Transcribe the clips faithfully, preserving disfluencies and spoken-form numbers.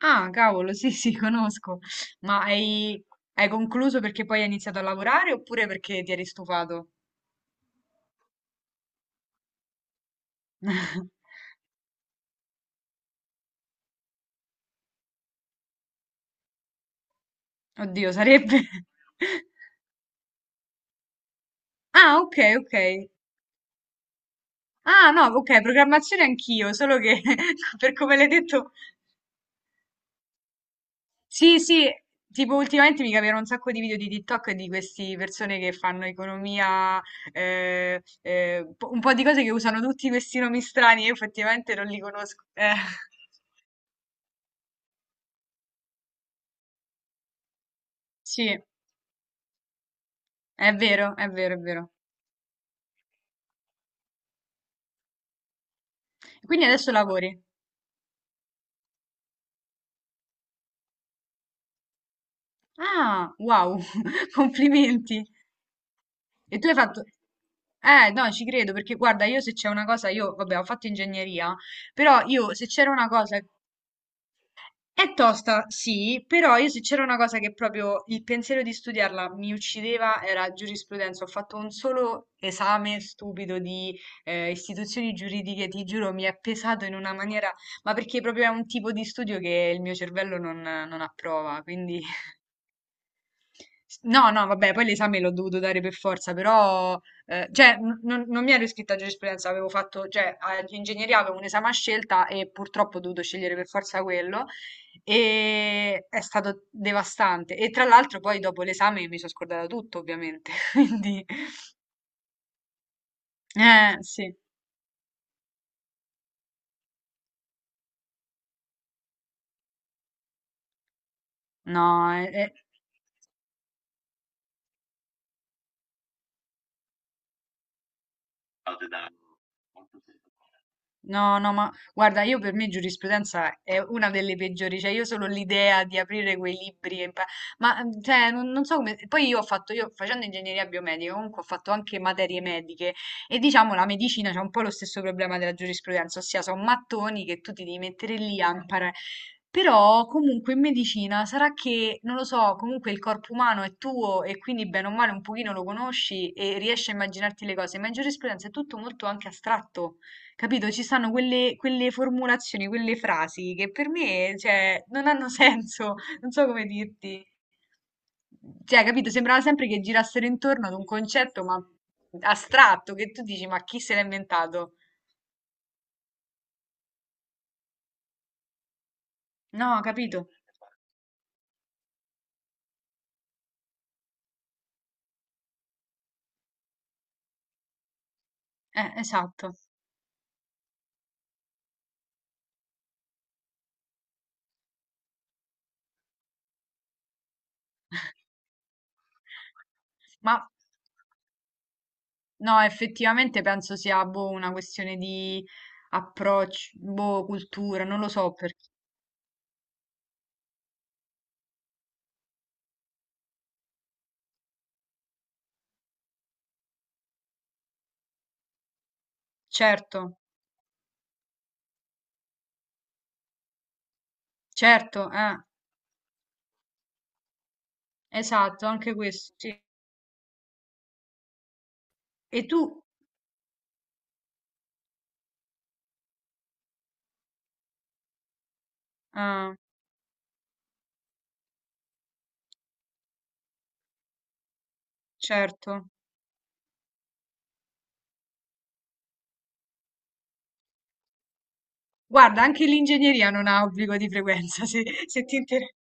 Ah, cavolo, sì, sì, conosco. Ma hai, hai concluso perché poi hai iniziato a lavorare oppure perché ti eri stufato? Oddio, sarebbe... Ah, ok, ok. Ah, no, ok, programmazione anch'io, solo che per come l'hai detto... Sì, sì, tipo ultimamente mi capivano un sacco di video di TikTok di queste persone che fanno economia, eh, eh, po- un po' di cose che usano tutti questi nomi strani, io effettivamente non li conosco. Eh, sì, è vero, è vero, è vero. Quindi adesso lavori. Ah, wow, complimenti. E tu hai fatto... Eh, no, ci credo, perché guarda, io se c'è una cosa, io, vabbè, ho fatto ingegneria, però io se c'era una cosa... È tosta, sì, però io se c'era una cosa che proprio il pensiero di studiarla mi uccideva era giurisprudenza. Ho fatto un solo esame stupido di eh, istituzioni giuridiche, ti giuro, mi è pesato in una maniera, ma perché proprio è un tipo di studio che il mio cervello non non approva, quindi... S- No, no, vabbè, poi l'esame l'ho dovuto dare per forza, però, eh, cioè, n- non, non mi ero iscritta a giurisprudenza, avevo fatto, cioè, all'ingegneria avevo un esame a scelta e purtroppo ho dovuto scegliere per forza quello e è stato devastante. E tra l'altro poi dopo l'esame mi sono scordata tutto, ovviamente, quindi, eh, sì, no, è, è- No, no, ma guarda, io per me giurisprudenza è una delle peggiori, cioè io solo l'idea di aprire quei libri, e impa- ma mm, cioè, non, non so come, poi io ho fatto, io facendo ingegneria biomedica comunque ho fatto anche materie mediche e diciamo la medicina c'è un po' lo stesso problema della giurisprudenza, ossia sono mattoni che tu ti devi mettere lì a imparare, però comunque in medicina sarà che, non lo so, comunque il corpo umano è tuo e quindi bene o male un pochino lo conosci e riesci a immaginarti le cose, ma in giurisprudenza è tutto molto anche astratto. Capito? Ci stanno quelle, quelle formulazioni, quelle frasi che per me, cioè, non hanno senso, non so come dirti. Cioè, capito? Sembrava sempre che girassero intorno ad un concetto, ma astratto, che tu dici, ma chi se l'ha inventato? No, capito? Eh, esatto. Ma no, effettivamente penso sia boh, una questione di approccio, boh, cultura, non lo so perché. Certo, certo, eh, esatto, anche questo, sì. E tu? Ah, certo. Guarda, anche l'ingegneria non ha obbligo di frequenza, se, se ti interessa.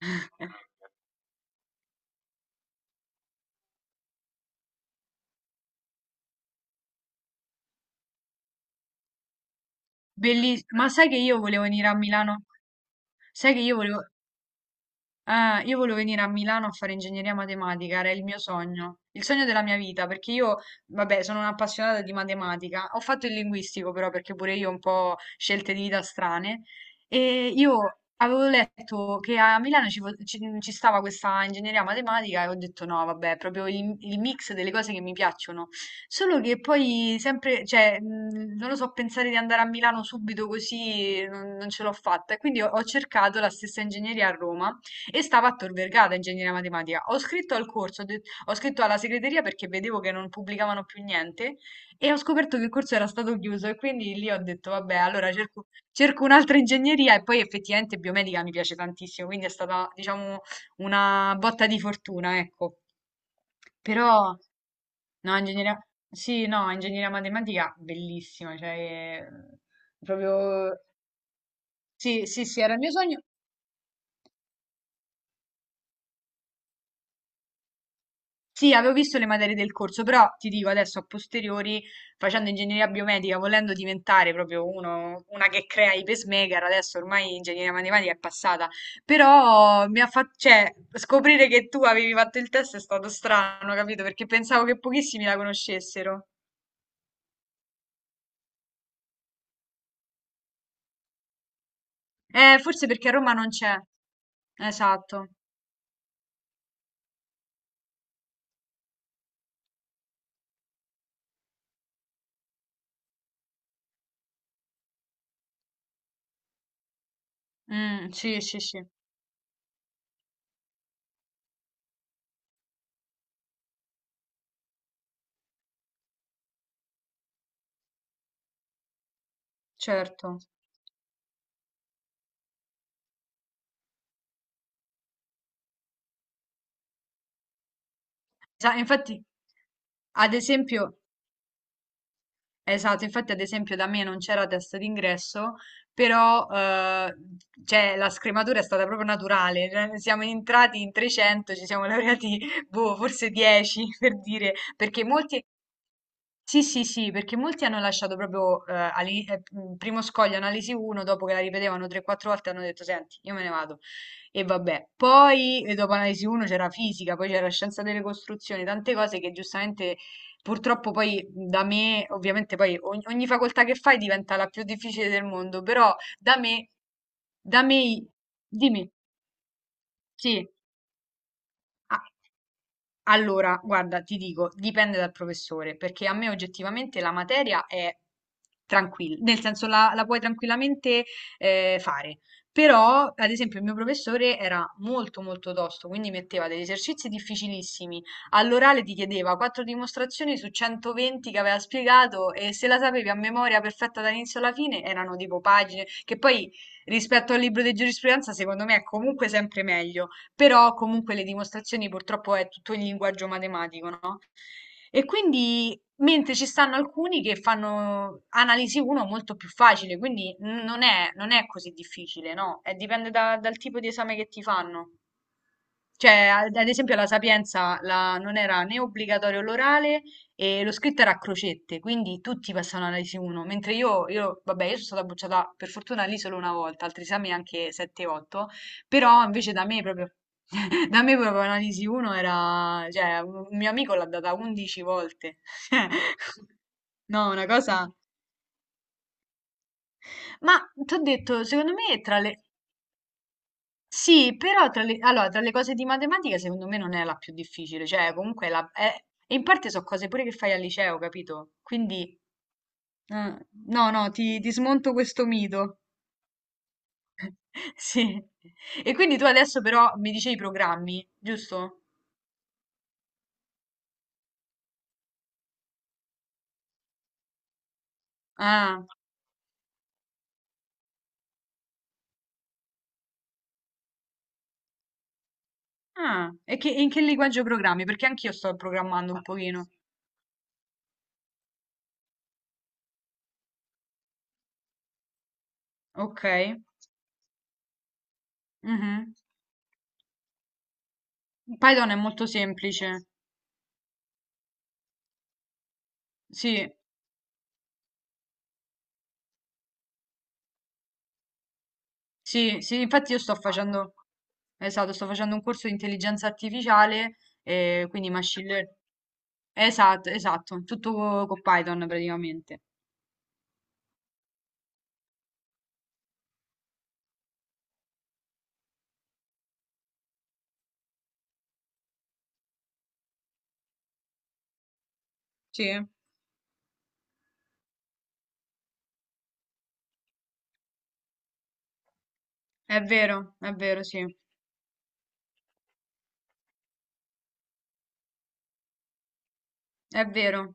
Bellissimo. Ma sai che io volevo venire a Milano? Sai che io volevo... Eh, io volevo venire a Milano a fare ingegneria matematica, era il mio sogno, il sogno della mia vita, perché io, vabbè, sono un'appassionata di matematica, ho fatto il linguistico però perché pure io ho un po' scelte di vita strane e io avevo letto che a Milano ci, fo- ci- ci stava questa ingegneria matematica e ho detto no, vabbè, è proprio il, il mix delle cose che mi piacciono, solo che poi sempre, cioè, mh, non lo so, pensare di andare a Milano subito così non, non ce l'ho fatta e quindi ho ho cercato la stessa ingegneria a Roma e stava a Tor Vergata, ingegneria matematica. Ho scritto al corso, ho det- ho scritto alla segreteria perché vedevo che non pubblicavano più niente e ho scoperto che il corso era stato chiuso e quindi lì ho detto, vabbè, allora cerco, cerco un'altra ingegneria e poi effettivamente biomedica mi piace tantissimo, quindi è stata, diciamo, una botta di fortuna, ecco. Però, no, ingegneria, sì, no, ingegneria matematica, bellissima, cioè, eh, proprio, sì, sì, sì, era il mio sogno. Sì, avevo visto le materie del corso, però ti dico adesso a posteriori, facendo ingegneria biomedica, volendo diventare proprio uno, una che crea i pacemaker, adesso ormai ingegneria matematica è passata, però mi ha fatto, cioè, scoprire che tu avevi fatto il test è stato strano, capito? Perché pensavo che pochissimi la conoscessero. Eh, forse perché a Roma non c'è. Esatto. Mm, sì, sì, sì, certo. Sa- infatti, ad esempio... Esatto, infatti ad esempio da me non c'era test d'ingresso, però eh, cioè, la scrematura è stata proprio naturale, cioè, ne siamo entrati in trecento, ci siamo laureati boh, forse dieci per dire, perché molti sì, sì, sì, perché molti hanno lasciato proprio eh, all'ini- eh, mh, primo scoglio analisi uno, dopo che la ripetevano tre o quattro volte hanno detto, senti, io me ne vado. E vabbè, poi eh, dopo analisi uno c'era fisica, poi c'era scienza delle costruzioni, tante cose che giustamente purtroppo poi da me, ovviamente poi ogni, ogni facoltà che fai diventa la più difficile del mondo, però da me, da me, dimmi, sì. Ah, allora, guarda, ti dico, dipende dal professore, perché a me oggettivamente la materia è tranquilla, nel senso la, la puoi tranquillamente eh, fare. Però, ad esempio, il mio professore era molto molto tosto, quindi metteva degli esercizi difficilissimi. All'orale ti chiedeva quattro dimostrazioni su centoventi che aveva spiegato e se la sapevi a memoria perfetta dall'inizio alla fine erano tipo pagine, che poi rispetto al libro di giurisprudenza secondo me è comunque sempre meglio però comunque le dimostrazioni purtroppo è tutto in linguaggio matematico, no? E quindi, mentre ci stanno alcuni che fanno analisi uno molto più facile, quindi n- non è, non è così difficile, no? Eh, dipende da- dal tipo di esame che ti fanno. Cioè, ad ad esempio, la Sapienza la- non era né obbligatorio l'orale e lo scritto era a crocette, quindi tutti passavano all'A I S I uno, mentre io, io, vabbè, io sono stata bocciata per fortuna lì solo una volta, altri esami anche sette o otto, però invece da me proprio, da me proprio analisi uno era, cioè, un un mio amico l'ha data undici volte. No, una cosa... Ma ti ho detto, secondo me tra le, sì, però tra le, allora, tra le cose di matematica secondo me non è la più difficile, cioè comunque la, è- e in parte sono cose pure che fai al liceo, capito? Quindi, eh, no, no, ti, ti smonto questo mito. Sì. E quindi tu adesso però mi dicevi i programmi, giusto? Ah, ah, e che, in che linguaggio programmi? Perché anch'io sto programmando un pochino. Ok. Mhm. Python è molto semplice. Sì. Sì, sì, infatti io sto facendo, esatto, sto facendo un corso di intelligenza artificiale, e quindi machine learning. Esatto, esatto, tutto co- con Python praticamente. Sì, è vero, è vero, sì, è vero.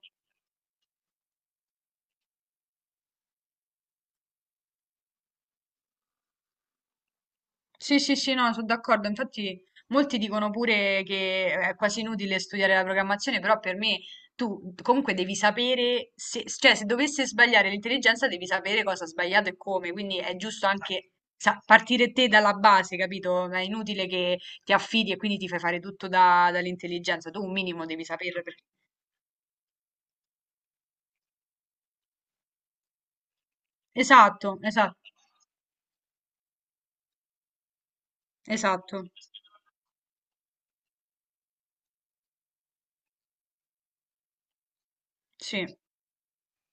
Sì, sì, sì, no, sono d'accordo. Infatti, molti dicono pure che è quasi inutile studiare la programmazione, però per me tu comunque devi sapere, se, cioè se dovesse sbagliare l'intelligenza, devi sapere cosa ha sbagliato e come. Quindi è giusto anche sa- partire te dalla base, capito? È inutile che ti affidi e quindi ti fai fare tutto da- dall'intelligenza. Tu un minimo devi saperlo. perché- Esatto, esatto, esatto. Sì.